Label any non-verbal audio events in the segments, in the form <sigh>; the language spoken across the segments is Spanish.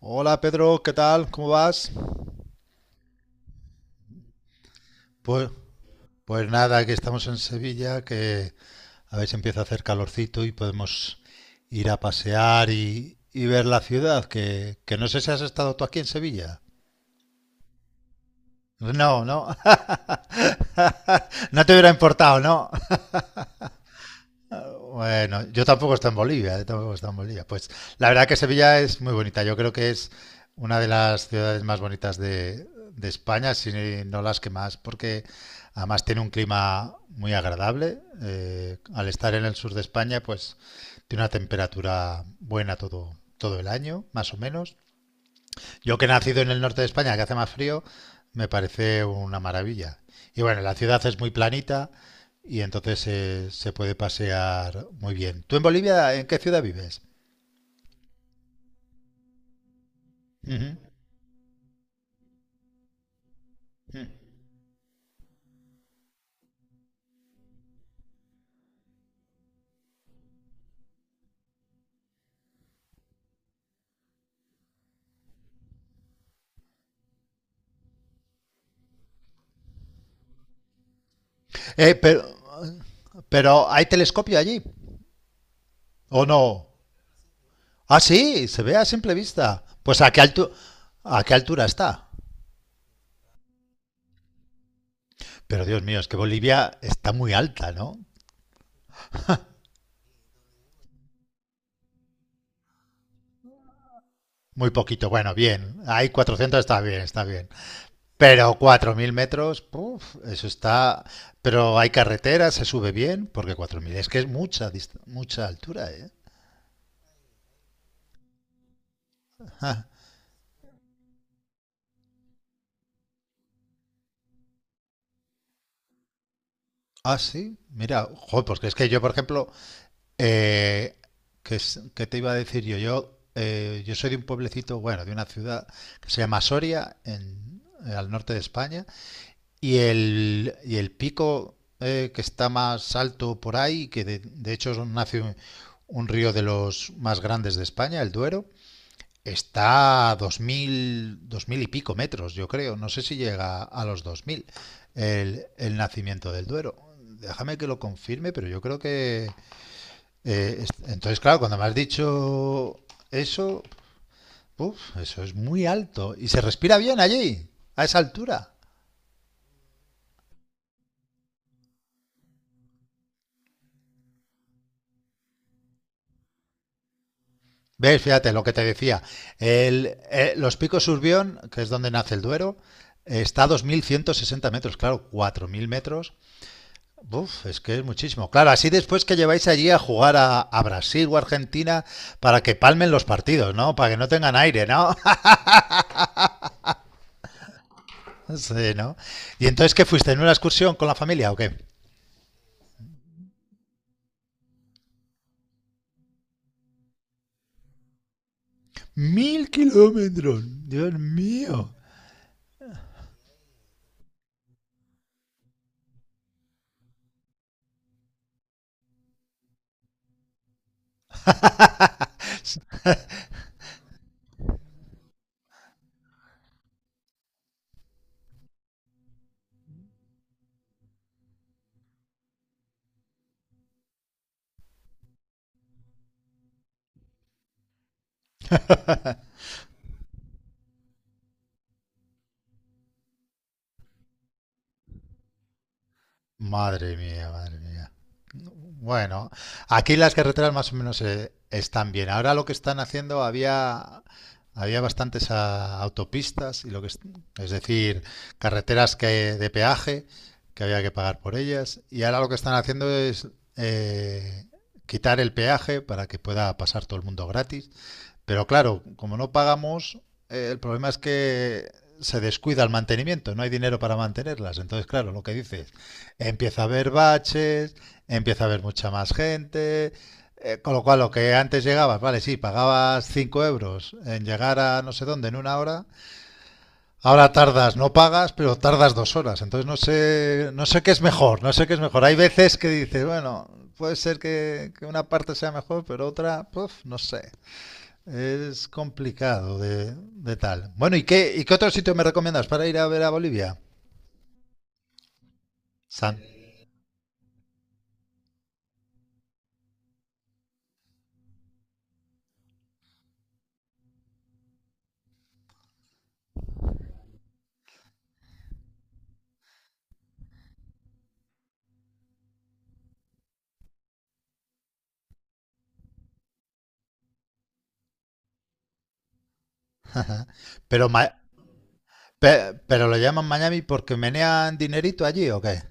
Hola Pedro, ¿qué tal? ¿Cómo vas? Pues, pues nada, que estamos en Sevilla, que a ver si empieza a hacer calorcito y podemos ir a pasear y ver la ciudad, que no sé si has estado tú aquí en Sevilla. No, no. <laughs> No te hubiera importado, ¿no? Bueno, yo tampoco estoy en Bolivia, tampoco estoy en Bolivia. Pues la verdad que Sevilla es muy bonita. Yo creo que es una de las ciudades más bonitas de España, si no las que más, porque además tiene un clima muy agradable. Al estar en el sur de España, pues tiene una temperatura buena todo el año, más o menos. Yo que he nacido en el norte de España, que hace más frío, me parece una maravilla. Y bueno, la ciudad es muy planita y entonces se puede pasear muy bien. ¿Tú en Bolivia, en qué ciudad vives? Ujú. Eh, pero, pero ¿hay telescopio allí? ¿O no? Ah, sí, se ve a simple vista. Pues a qué altura está? Pero Dios mío, es que Bolivia está muy alta, ¿no? Muy poquito. Bueno, bien. Hay 400, está bien, está bien. Pero 4.000 metros, puf, eso está. Pero hay carretera, se sube bien, porque 4.000. Es que es mucha altura, ¿eh? Ah, ah, sí, mira, joder, pues que es que yo, por ejemplo, eh, que te iba a decir yo. Yo soy de un pueblecito, bueno, de una ciudad que se llama Soria, al norte de España, y el pico que está más alto por ahí, que de hecho nace un río de los más grandes de España, el Duero. Está a 2000, 2000 y pico metros, yo creo. No sé si llega a los 2000 el nacimiento del Duero. Déjame que lo confirme, pero yo creo que. eh, entonces, claro, cuando me has dicho eso, uf, eso es muy alto. Y se respira bien allí, a esa altura. ¿Ves? Fíjate lo que te decía. Los picos Urbión, que es donde nace el Duero, está a 2.160 metros, claro, 4.000 metros. Uf, es que es muchísimo. Claro, así después que lleváis allí a jugar a Brasil o Argentina para que palmen los partidos, ¿no? Para que no tengan aire, ¿no? <laughs> Sí, ¿no? ¿Y entonces qué fuiste? ¿En una excursión con la familia o qué? 1.000 kilómetros, Dios mío. <laughs> Madre mía, madre mía. Bueno, aquí las carreteras más o menos están bien. Ahora lo que están haciendo, había bastantes autopistas y lo que es decir, carreteras que de peaje que había que pagar por ellas. Y ahora lo que están haciendo es eh, quitar el peaje para que pueda pasar todo el mundo gratis. Pero claro, como no pagamos, el problema es que se descuida el mantenimiento, no hay dinero para mantenerlas. Entonces, claro, lo que dices, empieza a haber baches, empieza a haber mucha más gente, con lo cual lo que antes llegabas, vale, sí, pagabas 5 euros en llegar a no sé dónde en una hora, ahora tardas, no pagas, pero tardas 2 horas. Entonces no sé, no sé qué es mejor, no sé qué es mejor. Hay veces que dices, bueno, puede ser que una parte sea mejor, pero otra, pues, no sé. Es complicado de tal. Bueno, ¿y qué otro sitio me recomiendas para ir a ver a Bolivia? San- Pero, Ma- pero lo llaman Miami porque menean dinerito allí, ¿o qué?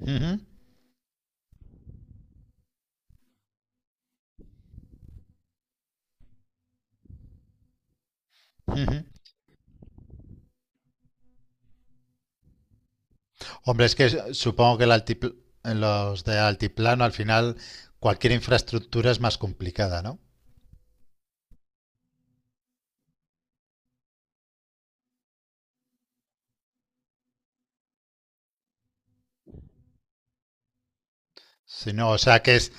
Ujú, ujú. Hombre, es que supongo que en los de altiplano al final cualquier infraestructura es más complicada, ¿no? Si no, o sea que es,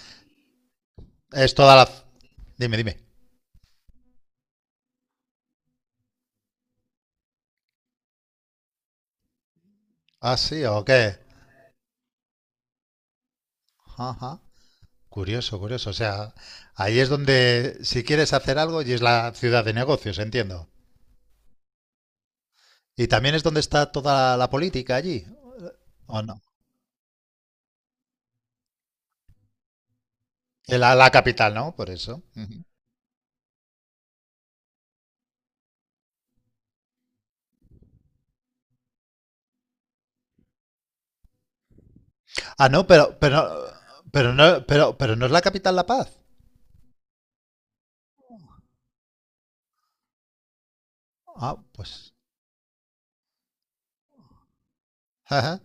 es toda la. Dime, dime. Ah, sí, ¿o qué? Ajá. Curioso, curioso. O sea, ahí es donde, si quieres hacer algo, y es la ciudad de negocios, entiendo. Y también es donde está toda la política allí, ¿o no? La capital, ¿no? Por eso. Ujú. Ah, no, pero no, pero no es la capital La Paz. Ah, pues. Ajá.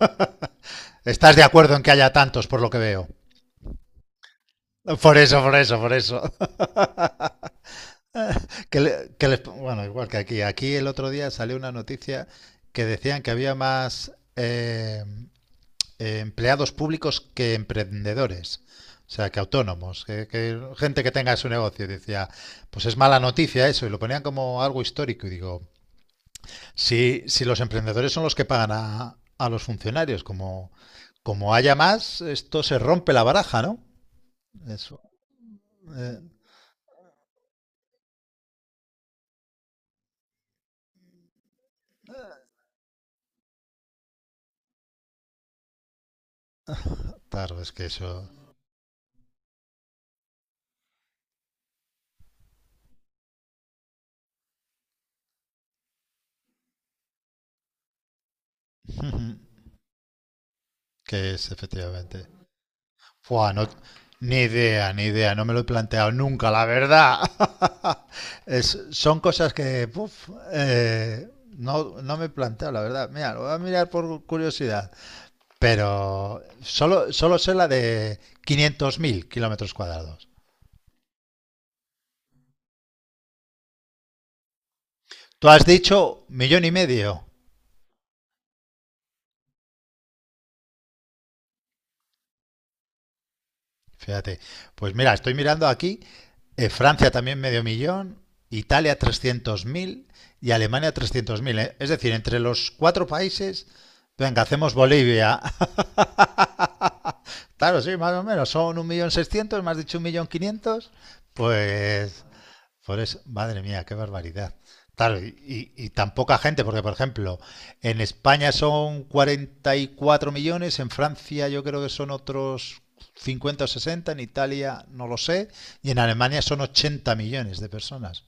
<laughs> ¿Estás de acuerdo en que haya tantos, por lo que veo? Por eso, por eso, por eso. <laughs> Que le- que les- Bueno, igual que aquí. Aquí el otro día salió una noticia que decían que había más empleados públicos que emprendedores. O sea, que autónomos, que gente que tenga su negocio. Decía, pues es mala noticia eso. Y lo ponían como algo histórico. Y digo, si los emprendedores son los que pagan a los funcionarios, como, haya más, esto se rompe la baraja, ¿no? Eso. eh, claro, es que eso. <laughs> Que es efectivamente. Fua, no, ni idea, ni idea, no me lo he planteado nunca, la verdad. <laughs> Son cosas que puf, no, no me he planteado, la verdad. Mira, lo voy a mirar por curiosidad, pero solo sé la de 500.000 kilómetros cuadrados. Tú has dicho millón y medio. Fíjate, pues mira, estoy mirando aquí. Francia también medio millón, Italia 300.000 y Alemania 300.000. ¿Eh? Es decir, entre los cuatro países, venga, hacemos Bolivia. <laughs> Claro, sí, más o menos, son 1.600.000, más dicho 1.500.000. Pues, por eso, madre mía, qué barbaridad. Claro, y tan poca gente, porque por ejemplo, en España son 44 millones, en Francia yo creo que son otros 50 o 60, en Italia no lo sé, y en Alemania son 80 millones de personas.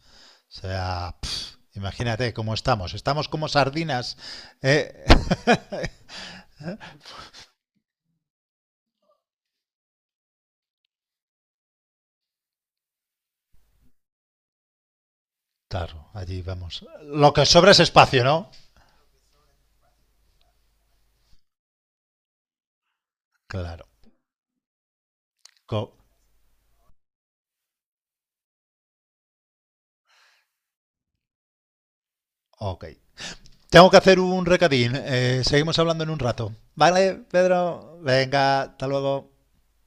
O sea, pff, imagínate cómo estamos. Estamos como sardinas. ¿Eh? <laughs> Claro, allí vamos. Lo que sobra es espacio, ¿no? Claro. Co- ok. Tengo que hacer un recadín. Seguimos hablando en un rato. Vale, Pedro. Venga, hasta luego.